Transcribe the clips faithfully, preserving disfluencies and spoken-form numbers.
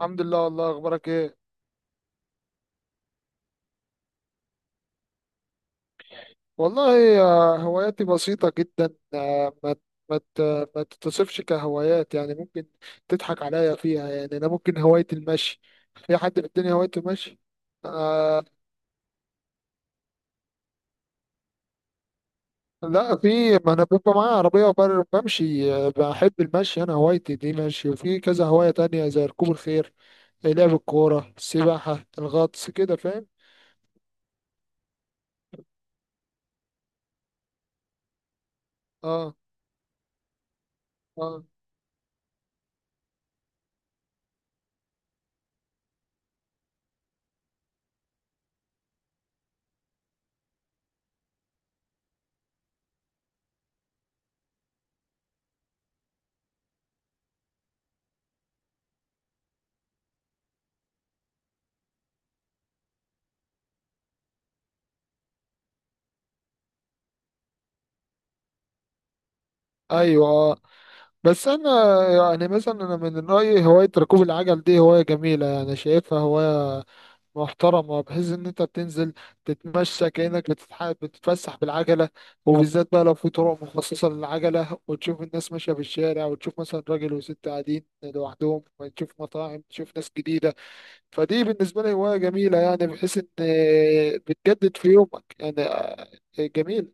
الحمد لله. والله اخبارك ايه؟ والله، آه، هواياتي بسيطة جدا. آه، ما ت- ما ت- ما تتصفش كهوايات، يعني ممكن تضحك عليا فيها. يعني انا ممكن هواية المشي. في حد في الدنيا هوايته المشي؟ آه. لا، في. ما انا بيبقى معايا عربية وبر- بمشي. آه، بحب المشي. انا هوايتي دي مشي، وفي كذا هواية تانية زي ركوب الخيل، آه، لعب الكورة، السباحة، الغطس، كده فاهم؟ اه، اه، ايوه، آه. بس انا يعني مثلا، انا من رايي هوايه ركوب العجل دي هوايه جميله، يعني شايفها هوايه محترمه، بحيث ان انت بتنزل تتمشى كانك بتتح- بتتفسح بالعجله. وبالذات بقى لو في طرق مخصصه للعجله، وتشوف الناس ماشيه في الشارع، وتشوف مثلا راجل وست قاعدين لوحدهم، تشوف مطاعم، تشوف ناس جديده. فدي بالنسبه لي هوايه جميله، يعني بحيث ان بتجدد في يومك يعني. جميل.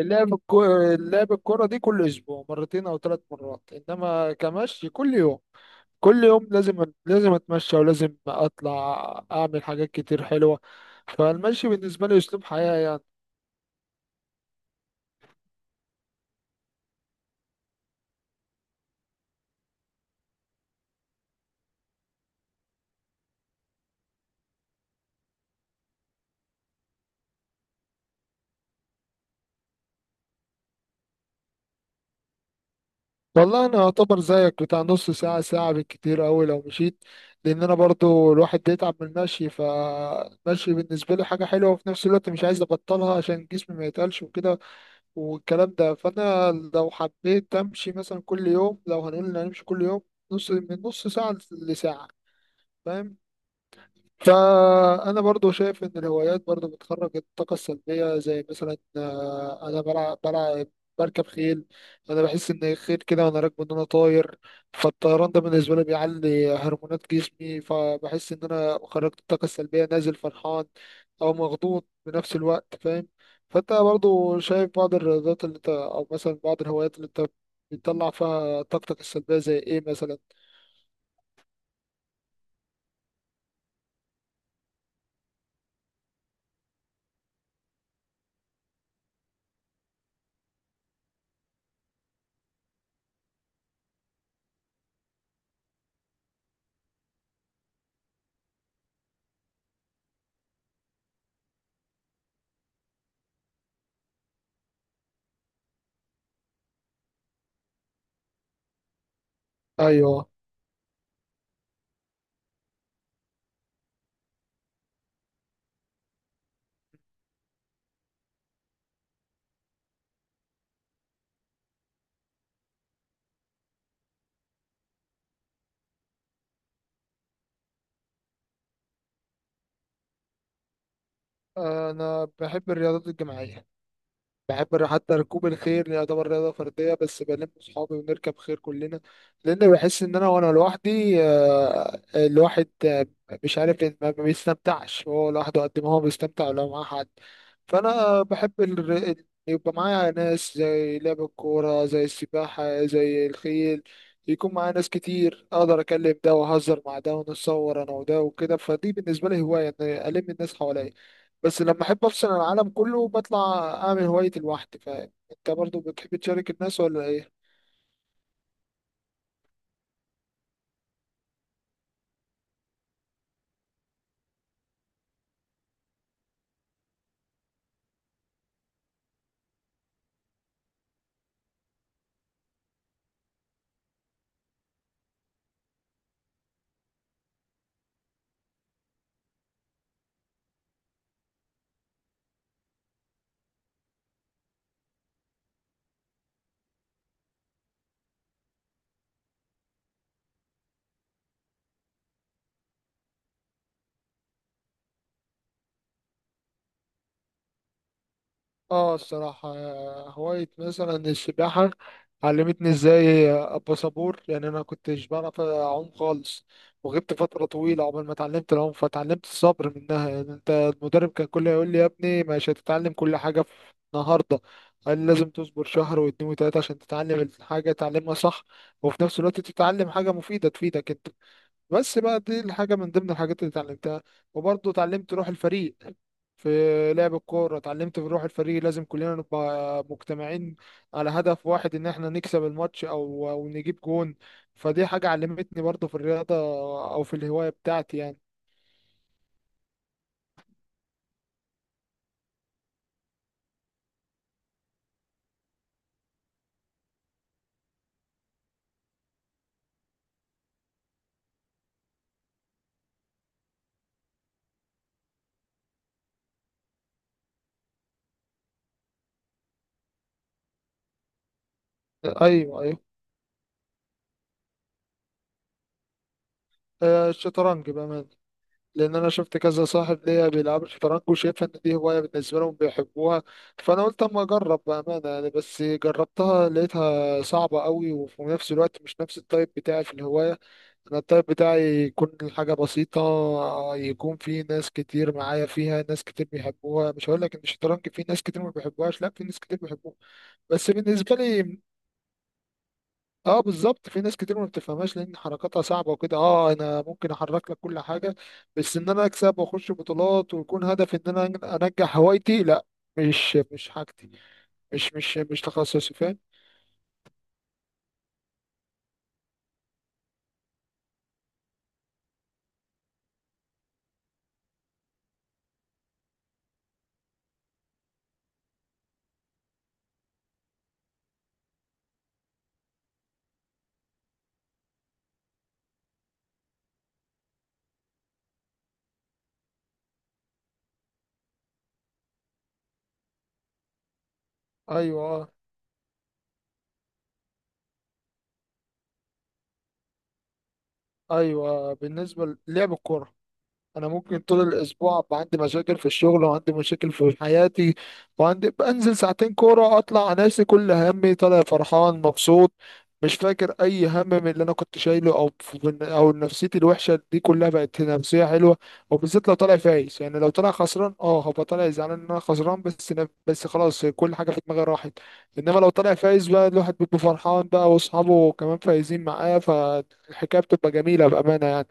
اللعب الكو... اللعب الكرة دي كل أسبوع مرتين أو ثلاث مرات، إنما كمشي كل يوم، كل يوم لازم لازم أتمشى، ولازم أطلع أعمل حاجات كتير حلوة. فالمشي بالنسبة لي أسلوب حياة يعني. والله أنا أعتبر زيك بتاع نص ساعة، ساعة بالكتير أوي لو مشيت. لأن أنا برضو الواحد بيتعب من المشي. فالمشي بالنسبة لي حاجة حلوة، وفي نفس الوقت مش عايز أبطلها عشان جسمي ما يتقلش وكده والكلام ده. فانا لو حبيت امشي مثلا كل يوم، لو هنقول ان هنمشي كل يوم، نص من نص ساعة لساعة. فاهم؟ فأنا برضو شايف إن الهوايات برضو بتخرج الطاقة السلبية، زي مثلا، آه، أنا بلعب بلعب بركب خيل. أنا بحس إن الخيل كده وأنا راكبه إن أنا طاير. فالطيران ده بالنسبة لي بيعلي هرمونات جسمي، فبحس إن أنا خرجت الطاقة السلبية، نازل فرحان أو مغضوض بنفس الوقت. فاهم؟ فأنت برضو شايف بعض الرياضات اللي أنت، أو مثلا بعض الهوايات اللي أنت بتطلع فيها طاقتك السلبية، زي إيه مثلا؟ أيوه، أنا بحب الرياضات الجماعية. بحب الر- حتى ركوب الخيل يعني يعتبر رياضة فردية، بس بلم صحابي ونركب خيل كلنا. لأن بحس إن أنا، وأنا لوحدي، آه، الواحد، آه، مش عارف إن- ما ما بيستمتعش هو لوحده قد ما هو بيستمتع لو معاه حد. فأنا بحب ال... ال- يبقى معايا ناس، زي لعب الكورة، زي السباحة، زي الخيل، يكون معايا ناس كتير، أقدر أكلم ده وأهزر مع ده ونتصور أنا وده وكده. فدي بالنسبة لي هواية إن ألم الناس حواليا. بس لما احب افصل عن العالم كله، بطلع اعمل هوايتي لوحدي. فاهم؟ انت برضو بتحب تشارك الناس ولا ايه؟ اه، الصراحة، آه، هواية مثلا السباحة علمتني ازاي ابقى صبور. يعني انا كنتش بعرف اعوم خالص، وغبت فترة طويلة عقبال ما اتعلمت العوم. فتعلمت الصبر منها. يعني انت، المدرب كان كله يقول لي يا ابني، مش هتتعلم كل حاجة في النهاردة. قال لي لازم تصبر شهر واتنين وتلاتة عشان تتعلم الحاجة تعلمها صح، وفي نفس الوقت تتعلم حاجة مفيدة تفيدك انت. بس بقى دي الحاجة من ضمن الحاجات اللي اتعلمتها. وبرضه اتعلمت روح الفريق. في لعب الكورة اتعلمت في روح الفريق، لازم كلنا نبقى مجتمعين على هدف واحد، ان احنا نكسب الماتش او او نجيب جون. فدي حاجة علمتني برضه في الرياضة، او في الهواية بتاعتي يعني. ايوه، ايوه. آه، الشطرنج بقى، لان انا شفت كذا صاحب ليا بيلعبوا شطرنج، وشايفها ان دي هوايه بالنسبه لهم بيحبوها. فانا قلت اما اجرب بامانه يعني. بس جربتها لقيتها صعبه قوي، وفي نفس الوقت مش نفس التايب بتاعي في الهوايه. انا التايب بتاعي يكون الحاجه بسيطه، يكون في ناس كتير معايا فيها، ناس كتير بيحبوها. مش هقول لك ان الشطرنج في ناس كتير ما بيحبوهاش، لا، في ناس كتير بيحبوها، بس بالنسبه لي. اه، بالظبط، في ناس كتير ما بتفهمهاش لان حركاتها صعبه وكده. اه، انا ممكن احرك لك كل حاجه، بس ان انا اكسب واخش بطولات ويكون هدفي ان انا انجح هوايتي، لا. مش مش حاجتي. مش مش مش تخصصي. فاهم؟ ايوه، آه، ايوه. بالنسبه للعب الكوره، انا ممكن طول الاسبوع ابقى عندي مشاكل في الشغل وعندي مشاكل في حياتي، وعندي بنزل ساعتين كوره، اطلع ناسي كل همي، طالع فرحان مبسوط، مش فاكر اي هم من اللي انا كنت شايله، او في- او نفسيتي الوحشه دي كلها بقت نفسيه حلوه. وبالذات لو طالع فايز، يعني لو طالع خسران اه هبقى طالع زعلان ان انا خسران بس نف- بس خلاص، كل حاجه في دماغي راحت. انما لو طالع فايز بقى، الواحد بيبقى فرحان بقى واصحابه كمان فايزين معاه، فالحكايه بتبقى جميله بامانه يعني.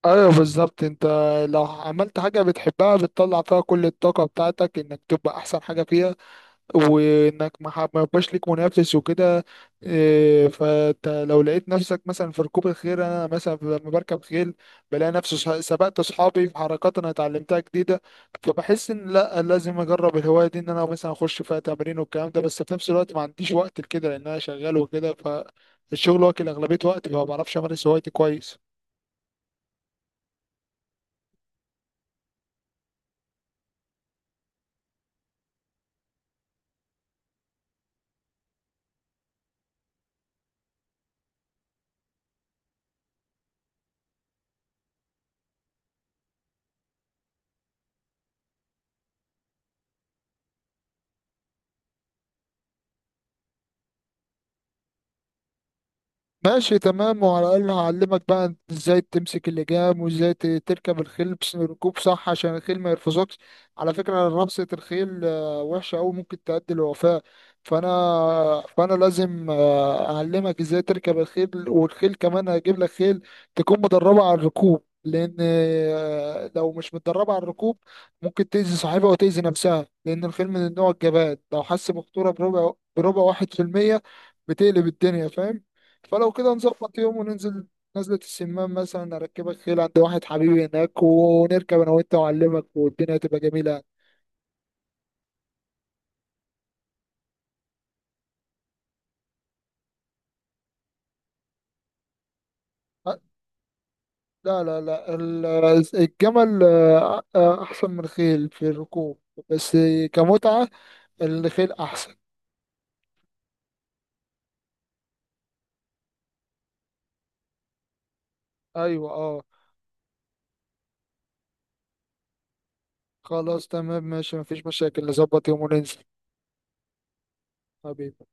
ايوه بالظبط. انت لو عملت حاجة بتحبها بتطلع فيها كل الطاقة بتاعتك، انك تبقى احسن حاجة فيها، وانك ما ح- ما يبقاش ليك منافس وكده. إيه، فانت لو لقيت نفسك مثلا في ركوب الخيل، انا مثلا لما بركب خيل بلاقي نفسي صح- سبقت اصحابي في حركات انا اتعلمتها جديدة. فبحس ان لا، لازم اجرب الهواية دي، ان انا مثلا اخش فيها تمرين والكلام ده. بس في نفس الوقت ما عنديش وقت لكده لان انا شغال وكده، فالشغل واكل اغلبية وقتي فما بعرفش امارس هوايتي كويس. ماشي، تمام، وعلى الأقل هعلمك بقى انت ازاي تمسك اللجام وازاي ت- تركب الخيل، بس ركوب صح عشان الخيل ما يرفزكش. على فكرة، رفسة الخيل آه، وحشة أوي، ممكن تؤدي للوفاة. فأنا فأنا لازم آه، أعلمك ازاي تركب الخيل. والخيل كمان هجيب لك خيل تكون مدربة على الركوب، لأن آه، لو مش متدربة على الركوب ممكن تأذي صاحبها وتأذي نفسها. لأن الخيل من النوع الجبان، لو حس بخطورة بربع بربع واحد في المية بتقلب الدنيا. فاهم؟ فلو كده نظبط يوم وننزل نزلة السمان مثلا، أركبك خيل عند واحد حبيبي هناك، ونركب أنا وأنت وأعلمك والدنيا تبقى جميلة. أ- لا لا لا، ال- الجمل، آه، آه، أحسن من الخيل في الركوب. بس كمتعة الخيل أحسن. أيوة، أه. خلاص، تمام، ماشي، مفيش مشاكل، نظبط يوم وننزل. حبيبي.